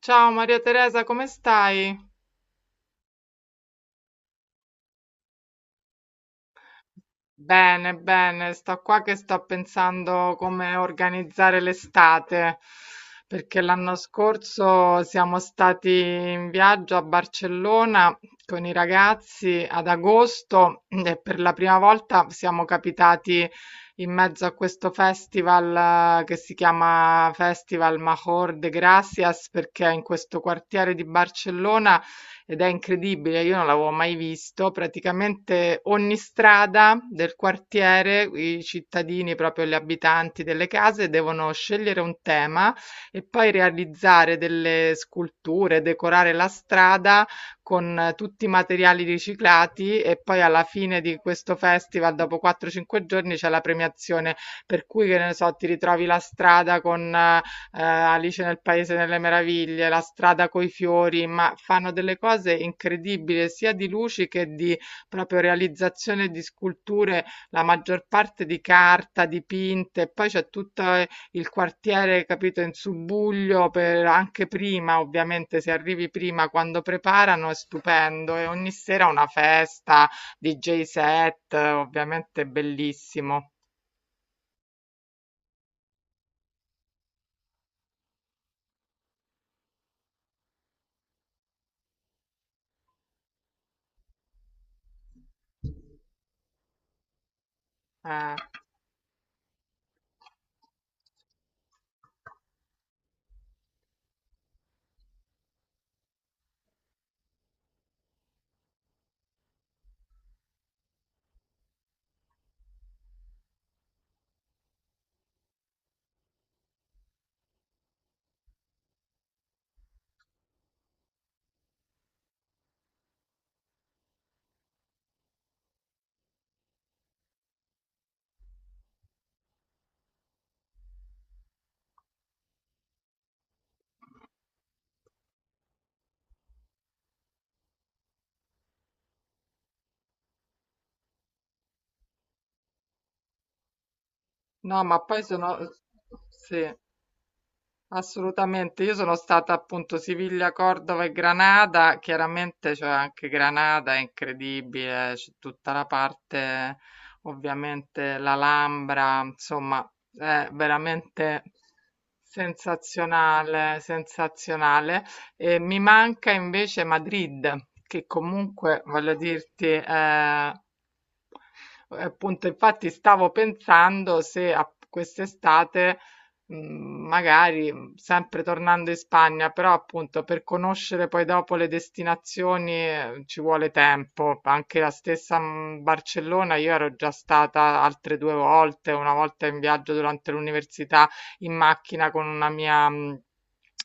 Ciao Maria Teresa, come stai? Bene, bene, sto qua che sto pensando come organizzare l'estate, perché l'anno scorso siamo stati in viaggio a Barcellona con i ragazzi ad agosto e per la prima volta siamo capitati in mezzo a questo festival che si chiama Festival Major de Gracias, perché in questo quartiere di Barcellona ed è incredibile, io non l'avevo mai visto. Praticamente ogni strada del quartiere, i cittadini, proprio gli abitanti delle case, devono scegliere un tema e poi realizzare delle sculture, decorare la strada con tutti i materiali riciclati e poi alla fine di questo festival, dopo 4-5 giorni, c'è la premiazione, per cui che ne so, ti ritrovi la strada con Alice nel Paese delle Meraviglie, La strada coi fiori, ma fanno delle cose incredibili sia di luci che di proprio realizzazione di sculture, la maggior parte di carta, dipinte, poi c'è tutto il quartiere, capito, in subbuglio per anche prima, ovviamente se arrivi prima quando preparano è stupendo e ogni sera una festa, DJ set, ovviamente bellissimo. Eh, no, ma poi sono. Sì. Assolutamente, io sono stata appunto Siviglia, Cordova e Granada, chiaramente c'è anche Granada, è incredibile, c'è tutta la parte, ovviamente l'Alhambra, insomma, è veramente sensazionale, sensazionale. E mi manca invece Madrid, che comunque, voglio dirti, è appunto, infatti stavo pensando se a quest'estate, magari sempre tornando in Spagna, però appunto per conoscere poi dopo le destinazioni ci vuole tempo. Anche la stessa Barcellona, io ero già stata altre due volte, una volta in viaggio durante l'università in macchina con una mia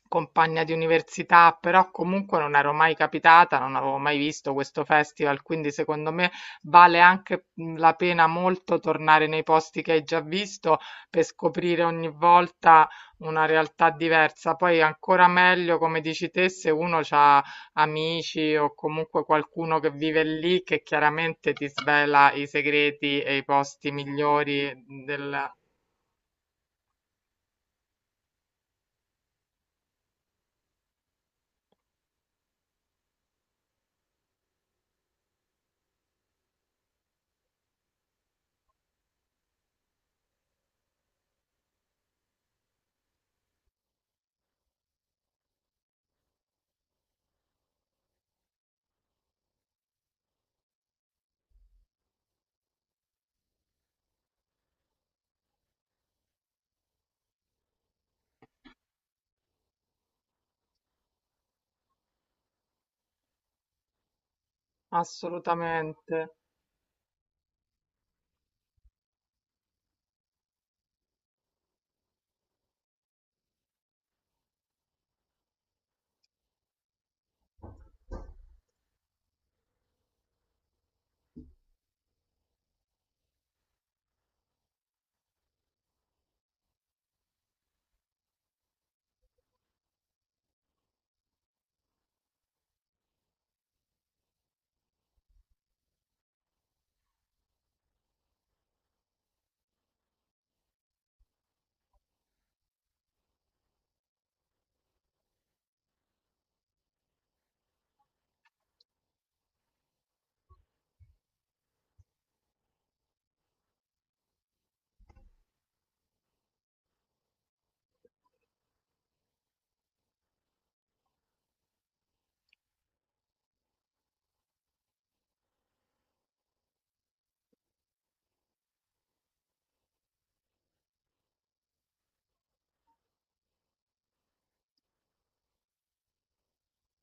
compagna di università, però comunque non ero mai capitata, non avevo mai visto questo festival, quindi secondo me vale anche la pena molto tornare nei posti che hai già visto per scoprire ogni volta una realtà diversa. Poi ancora meglio, come dici te, se uno ha amici o comunque qualcuno che vive lì che chiaramente ti svela i segreti e i posti migliori del. Assolutamente.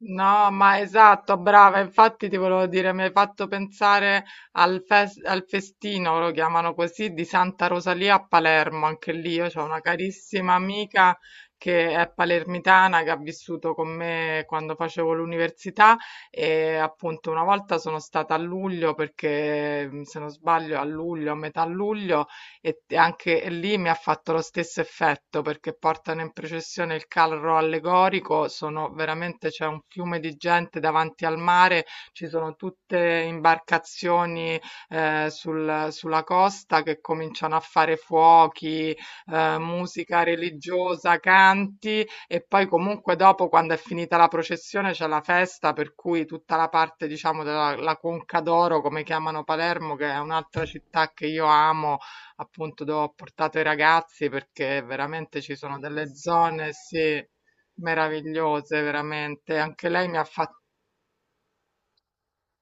No, ma esatto, brava, infatti ti volevo dire, mi hai fatto pensare al festino, lo chiamano così, di Santa Rosalia a Palermo, anche lì io ho una carissima amica che è palermitana, che ha vissuto con me quando facevo l'università e appunto una volta sono stata a luglio, perché se non sbaglio a luglio, a metà luglio, e anche lì mi ha fatto lo stesso effetto perché portano in processione il carro allegorico, sono veramente c'è un fiume di gente davanti al mare, ci sono tutte imbarcazioni sulla costa che cominciano a fare fuochi, musica religiosa, canti e poi comunque dopo quando è finita la processione c'è la festa per cui tutta la parte diciamo della la Conca d'Oro come chiamano Palermo che è un'altra città che io amo appunto dove ho portato i ragazzi perché veramente ci sono delle zone, sì, meravigliose, veramente. Anche lei mi ha fatto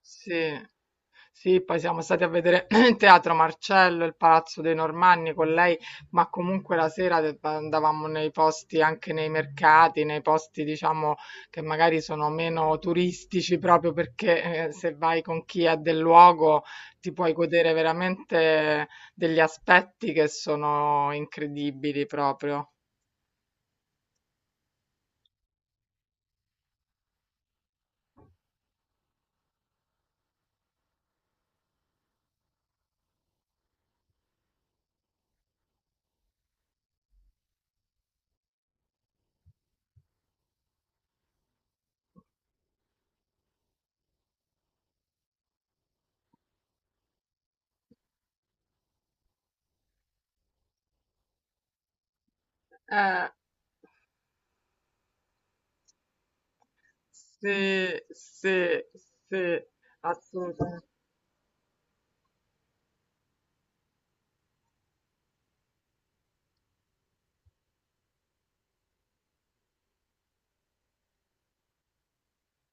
sì. Sì, poi siamo stati a vedere il Teatro Marcello, il Palazzo dei Normanni con lei, ma comunque la sera andavamo nei posti, anche nei mercati, nei posti, diciamo, che magari sono meno turistici, proprio perché se vai con chi è del luogo ti puoi godere veramente degli aspetti che sono incredibili proprio. Eh, sì, sì, sì, assolutamente.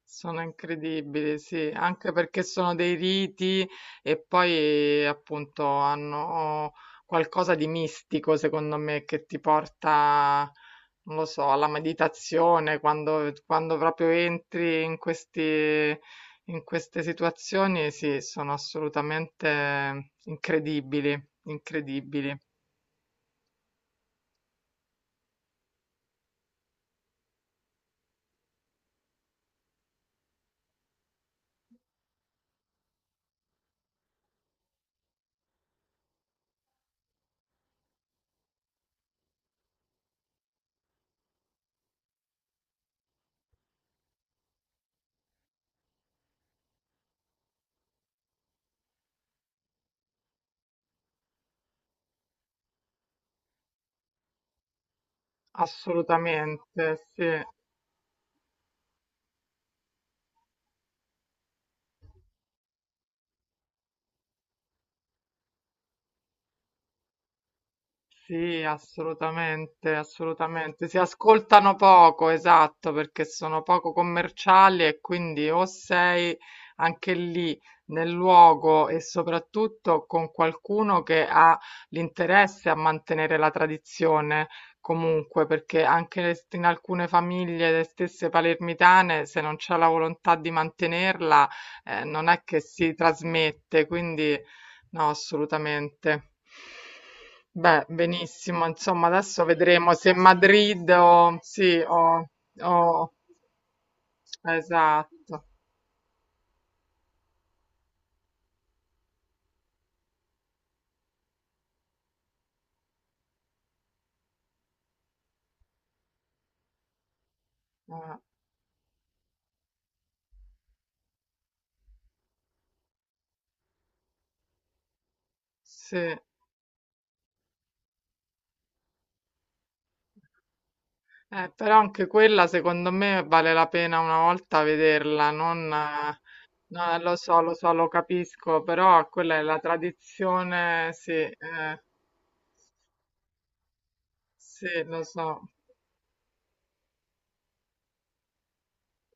Sono incredibili, sì, anche perché sono dei riti e poi appunto hanno qualcosa di mistico, secondo me, che ti porta, non lo so, alla meditazione, quando, quando proprio entri in questi, in queste situazioni, sì, sono assolutamente incredibili, incredibili, assolutamente, sì. Sì, assolutamente, assolutamente. Si ascoltano poco, esatto, perché sono poco commerciali e quindi o sei anche lì nel luogo e soprattutto con qualcuno che ha l'interesse a mantenere la tradizione. Comunque, perché anche in alcune famiglie, le stesse palermitane, se non c'è la volontà di mantenerla, non è che si trasmette, quindi no, assolutamente. Beh, benissimo, insomma, adesso vedremo se Madrid o, sì, o, o- esatto. Eh, sì. Però anche quella, secondo me, vale la pena una volta vederla, non, no, lo so, lo so, lo capisco, però quella è la tradizione, sì, sì, lo so.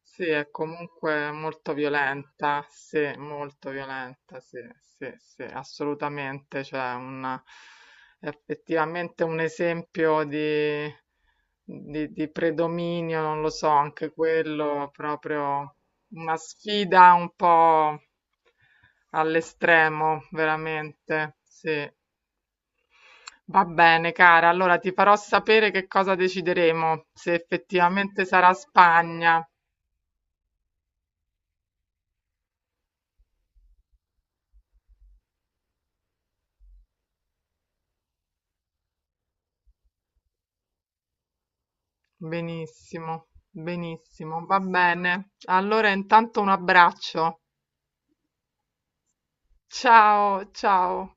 Sì, è comunque molto violenta, sì, sì, sì, assolutamente, cioè è effettivamente un esempio di, predominio, non lo so, anche quello proprio una sfida un po' all'estremo, veramente, sì. Va bene, cara, allora ti farò sapere che cosa decideremo, se effettivamente sarà Spagna. Benissimo, benissimo, va bene. Allora intanto un abbraccio. Ciao, ciao.